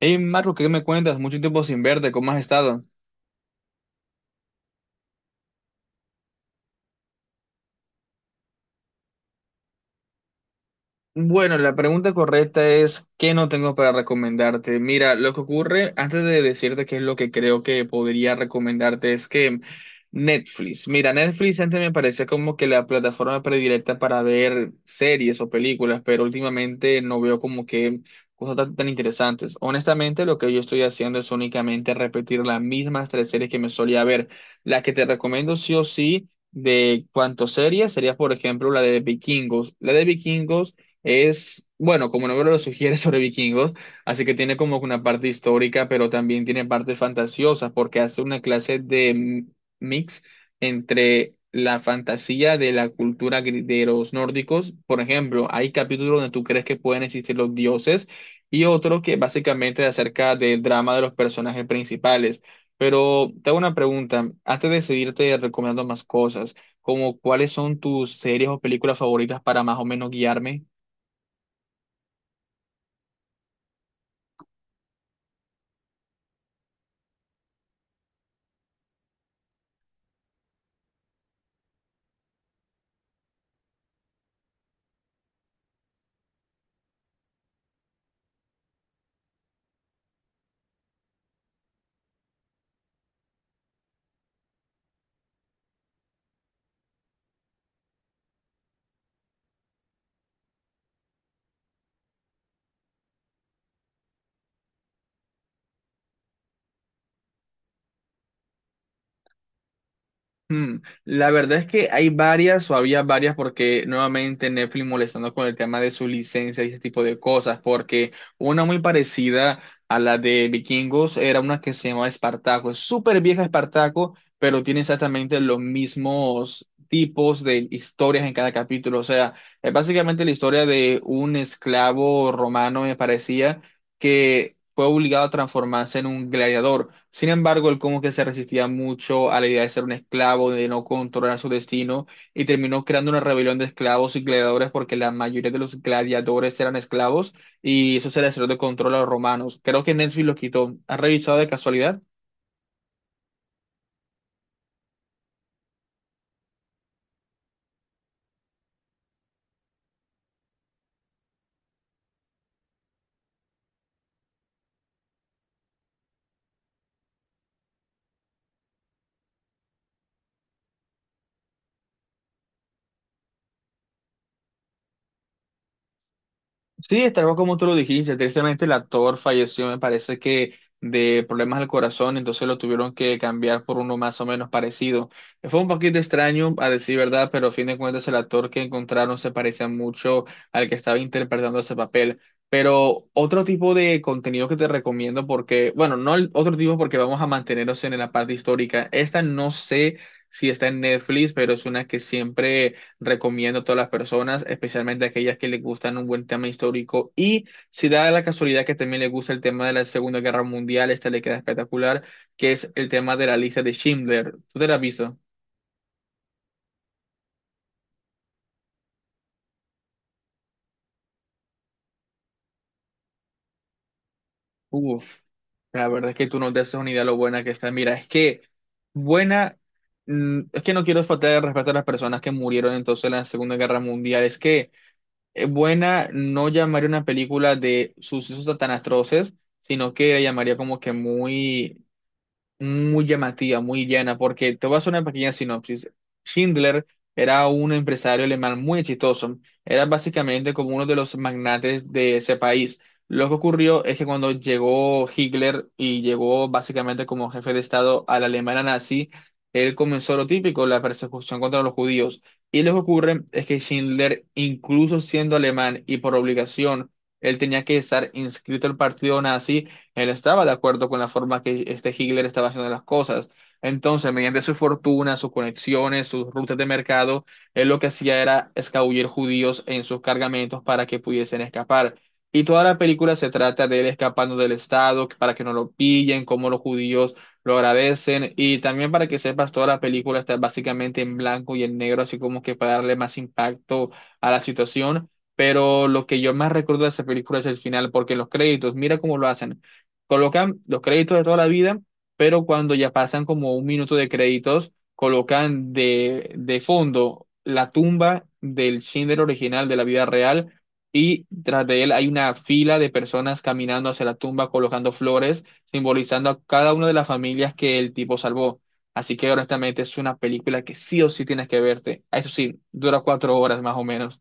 Hey Marco, ¿qué me cuentas? Mucho tiempo sin verte, ¿cómo has estado? Bueno, la pregunta correcta es, ¿qué no tengo para recomendarte? Mira, lo que ocurre, antes de decirte qué es lo que creo que podría recomendarte, es que Netflix, mira, Netflix antes me parecía como que la plataforma predilecta para ver series o películas, pero últimamente no veo como que cosas tan interesantes. Honestamente, lo que yo estoy haciendo es únicamente repetir las mismas tres series que me solía ver. La que te recomiendo sí o sí. De cuánto serie sería, por ejemplo, la de Vikingos. La de Vikingos es, bueno, como el nombre lo sugiere, sobre vikingos, así que tiene como una parte histórica, pero también tiene partes fantasiosas, porque hace una clase de mix entre la fantasía de la de los nórdicos. Por ejemplo, hay capítulos donde tú crees que pueden existir los dioses y otro que básicamente es acerca del drama de los personajes principales. Pero te hago una pregunta, antes de seguirte recomendando más cosas, como cuáles son tus series o películas favoritas para más o menos guiarme. La verdad es que hay varias o había varias porque nuevamente Netflix molestando con el tema de su licencia y ese tipo de cosas, porque una muy parecida a la de Vikingos era una que se llamaba Espartaco. Es súper vieja Espartaco, pero tiene exactamente los mismos tipos de historias en cada capítulo. O sea, es básicamente la historia de un esclavo romano, me parecía que fue obligado a transformarse en un gladiador. Sin embargo, él como que se resistía mucho a la idea de ser un esclavo, de no controlar su destino, y terminó creando una rebelión de esclavos y gladiadores porque la mayoría de los gladiadores eran esclavos y eso se le salió de control a los romanos. Creo que Netflix lo quitó. ¿Has revisado de casualidad? Sí, es tal cual como tú lo dijiste, tristemente el actor falleció, me parece que de problemas al corazón, entonces lo tuvieron que cambiar por uno más o menos parecido. Fue un poquito extraño, a decir verdad, pero a fin de cuentas el actor que encontraron se parecía mucho al que estaba interpretando ese papel. Pero otro tipo de contenido que te recomiendo, porque, bueno, no el otro tipo porque vamos a mantenernos en la parte histórica. Esta no sé si está en Netflix, pero es una que siempre recomiendo a todas las personas, especialmente a aquellas que les gustan un buen tema histórico. Y si da la casualidad que también les gusta el tema de la Segunda Guerra Mundial, esta le queda espectacular, que es el tema de la lista de Schindler. ¿Tú te la has visto? Uf, la verdad es que tú no te haces una idea lo buena que está. Mira, es que buena, es que no quiero faltar el respeto a las personas que murieron entonces en la Segunda Guerra Mundial. Es que buena no llamaría una película de sucesos tan atroces, sino que la llamaría como que muy llamativa, muy llana, porque te voy a hacer una pequeña sinopsis. Schindler era un empresario alemán muy exitoso, era básicamente como uno de los magnates de ese país. Lo que ocurrió es que cuando llegó Hitler y llegó básicamente como jefe de Estado a la Alemania nazi, él comenzó lo típico, la persecución contra los judíos. Y lo que ocurre es que Schindler, incluso siendo alemán y por obligación, él tenía que estar inscrito al partido nazi. Él estaba de acuerdo con la forma que este Hitler estaba haciendo las cosas. Entonces, mediante su fortuna, sus conexiones, sus rutas de mercado, él lo que hacía era escabullir judíos en sus cargamentos para que pudiesen escapar. Y toda la película se trata de él escapando del Estado para que no lo pillen, cómo los judíos lo agradecen. Y también para que sepas, toda la película está básicamente en blanco y en negro, así como que para darle más impacto a la situación. Pero lo que yo más recuerdo de esa película es el final, porque en los créditos, mira cómo lo hacen. Colocan los créditos de toda la vida, pero cuando ya pasan como un minuto de créditos, colocan de fondo la tumba del Schindler original de la vida real y tras de él hay una fila de personas caminando hacia la tumba colocando flores, simbolizando a cada una de las familias que el tipo salvó. Así que honestamente es una película que sí o sí tienes que verte. Eso sí, dura cuatro horas más o menos.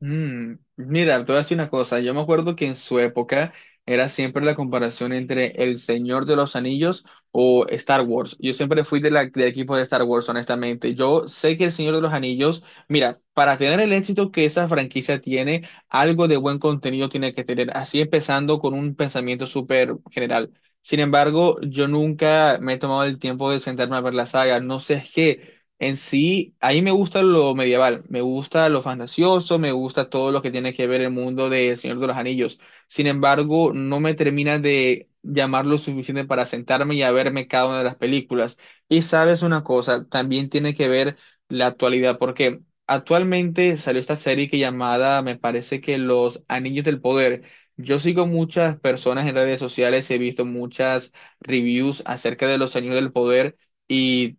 Mm, mira, te voy a decir una cosa. Yo me acuerdo que en su época era siempre la comparación entre El Señor de los Anillos o Star Wars. Yo siempre fui de del equipo de Star Wars, honestamente. Yo sé que El Señor de los Anillos, mira, para tener el éxito que esa franquicia tiene, algo de buen contenido tiene que tener. Así empezando con un pensamiento súper general. Sin embargo, yo nunca me he tomado el tiempo de sentarme a ver la saga. No sé qué. En sí, ahí me gusta lo medieval, me gusta lo fantasioso, me gusta todo lo que tiene que ver el mundo de El Señor de los Anillos. Sin embargo, no me termina de llamar lo suficiente para sentarme y a verme cada una de las películas. Y sabes una cosa, también tiene que ver la actualidad, porque actualmente salió esta serie que llamada, me parece que Los Anillos del Poder. Yo sigo muchas personas en redes sociales, he visto muchas reviews acerca de Los Anillos del Poder. Y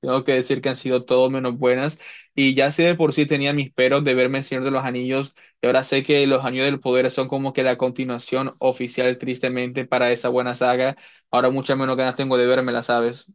tengo que decir que han sido todo menos buenas. Y ya sé de por sí tenía mis peros de verme el Señor de los Anillos. Y ahora sé que los Anillos del Poder son como que la continuación oficial, tristemente, para esa buena saga. Ahora muchas menos ganas tengo de verme, ¿la ¿sabes?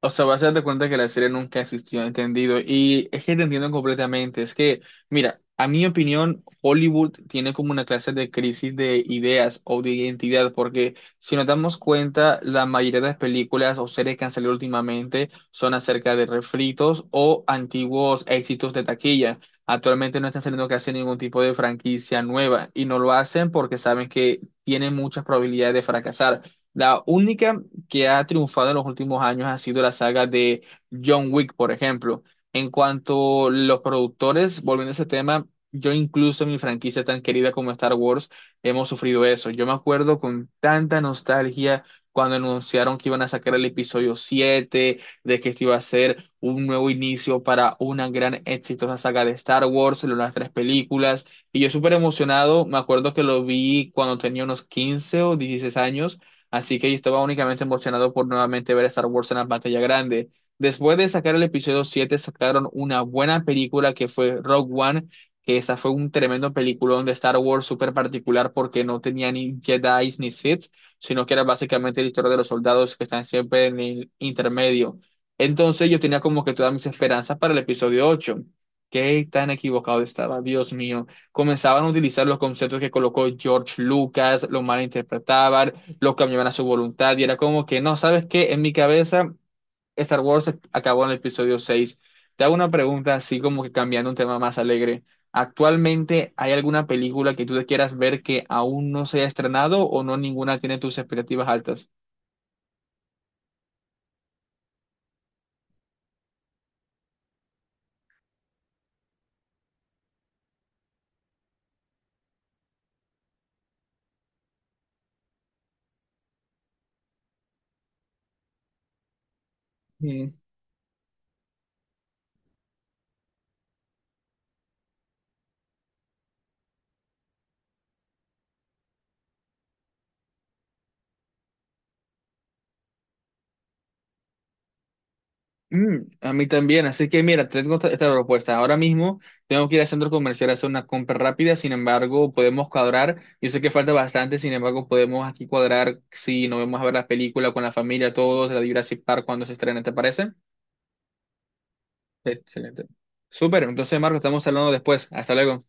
O sea, vas a darte cuenta que la serie nunca existió, entendido. Y es que te entiendo completamente. Es que, mira, a mi opinión, Hollywood tiene como una clase de crisis de ideas o de identidad, porque si nos damos cuenta, la mayoría de las películas o series que han salido últimamente son acerca de refritos o antiguos éxitos de taquilla. Actualmente no están saliendo casi ningún tipo de franquicia nueva y no lo hacen porque saben que tienen muchas probabilidades de fracasar. La única que ha triunfado en los últimos años ha sido la saga de John Wick, por ejemplo. En cuanto a los productores, volviendo a ese tema, yo incluso en mi franquicia tan querida como Star Wars hemos sufrido eso. Yo me acuerdo con tanta nostalgia cuando anunciaron que iban a sacar el episodio 7 de que esto iba a ser un nuevo inicio para una gran exitosa saga de Star Wars, las tres películas. Y yo súper emocionado, me acuerdo que lo vi cuando tenía unos 15 o 16 años. Así que yo estaba únicamente emocionado por nuevamente ver Star Wars en la pantalla grande. Después de sacar el episodio 7 sacaron una buena película que fue Rogue One, que esa fue un tremendo peliculón de Star Wars súper particular porque no tenía ni Jedi ni Sith, sino que era básicamente la historia de los soldados que están siempre en el intermedio. Entonces yo tenía como que todas mis esperanzas para el episodio 8. Qué tan equivocado estaba, Dios mío. Comenzaban a utilizar los conceptos que colocó George Lucas, lo malinterpretaban, lo cambiaban a su voluntad y era como que, no, ¿sabes qué? En mi cabeza, Star Wars acabó en el episodio 6. Te hago una pregunta así como que cambiando un tema más alegre. ¿Actualmente hay alguna película que tú te quieras ver que aún no se haya estrenado o no ninguna tiene tus expectativas altas? Mm, a mí también, así que mira, te tengo esta propuesta. Ahora mismo tengo que ir al centro comercial a hacer una compra rápida, sin embargo, podemos cuadrar. Yo sé que falta bastante, sin embargo, podemos aquí cuadrar si nos vamos a ver la película con la familia, todos, la de Jurassic Park cuando se estrene, ¿te parece? Excelente. Súper, entonces, Marco, estamos hablando después. Hasta luego.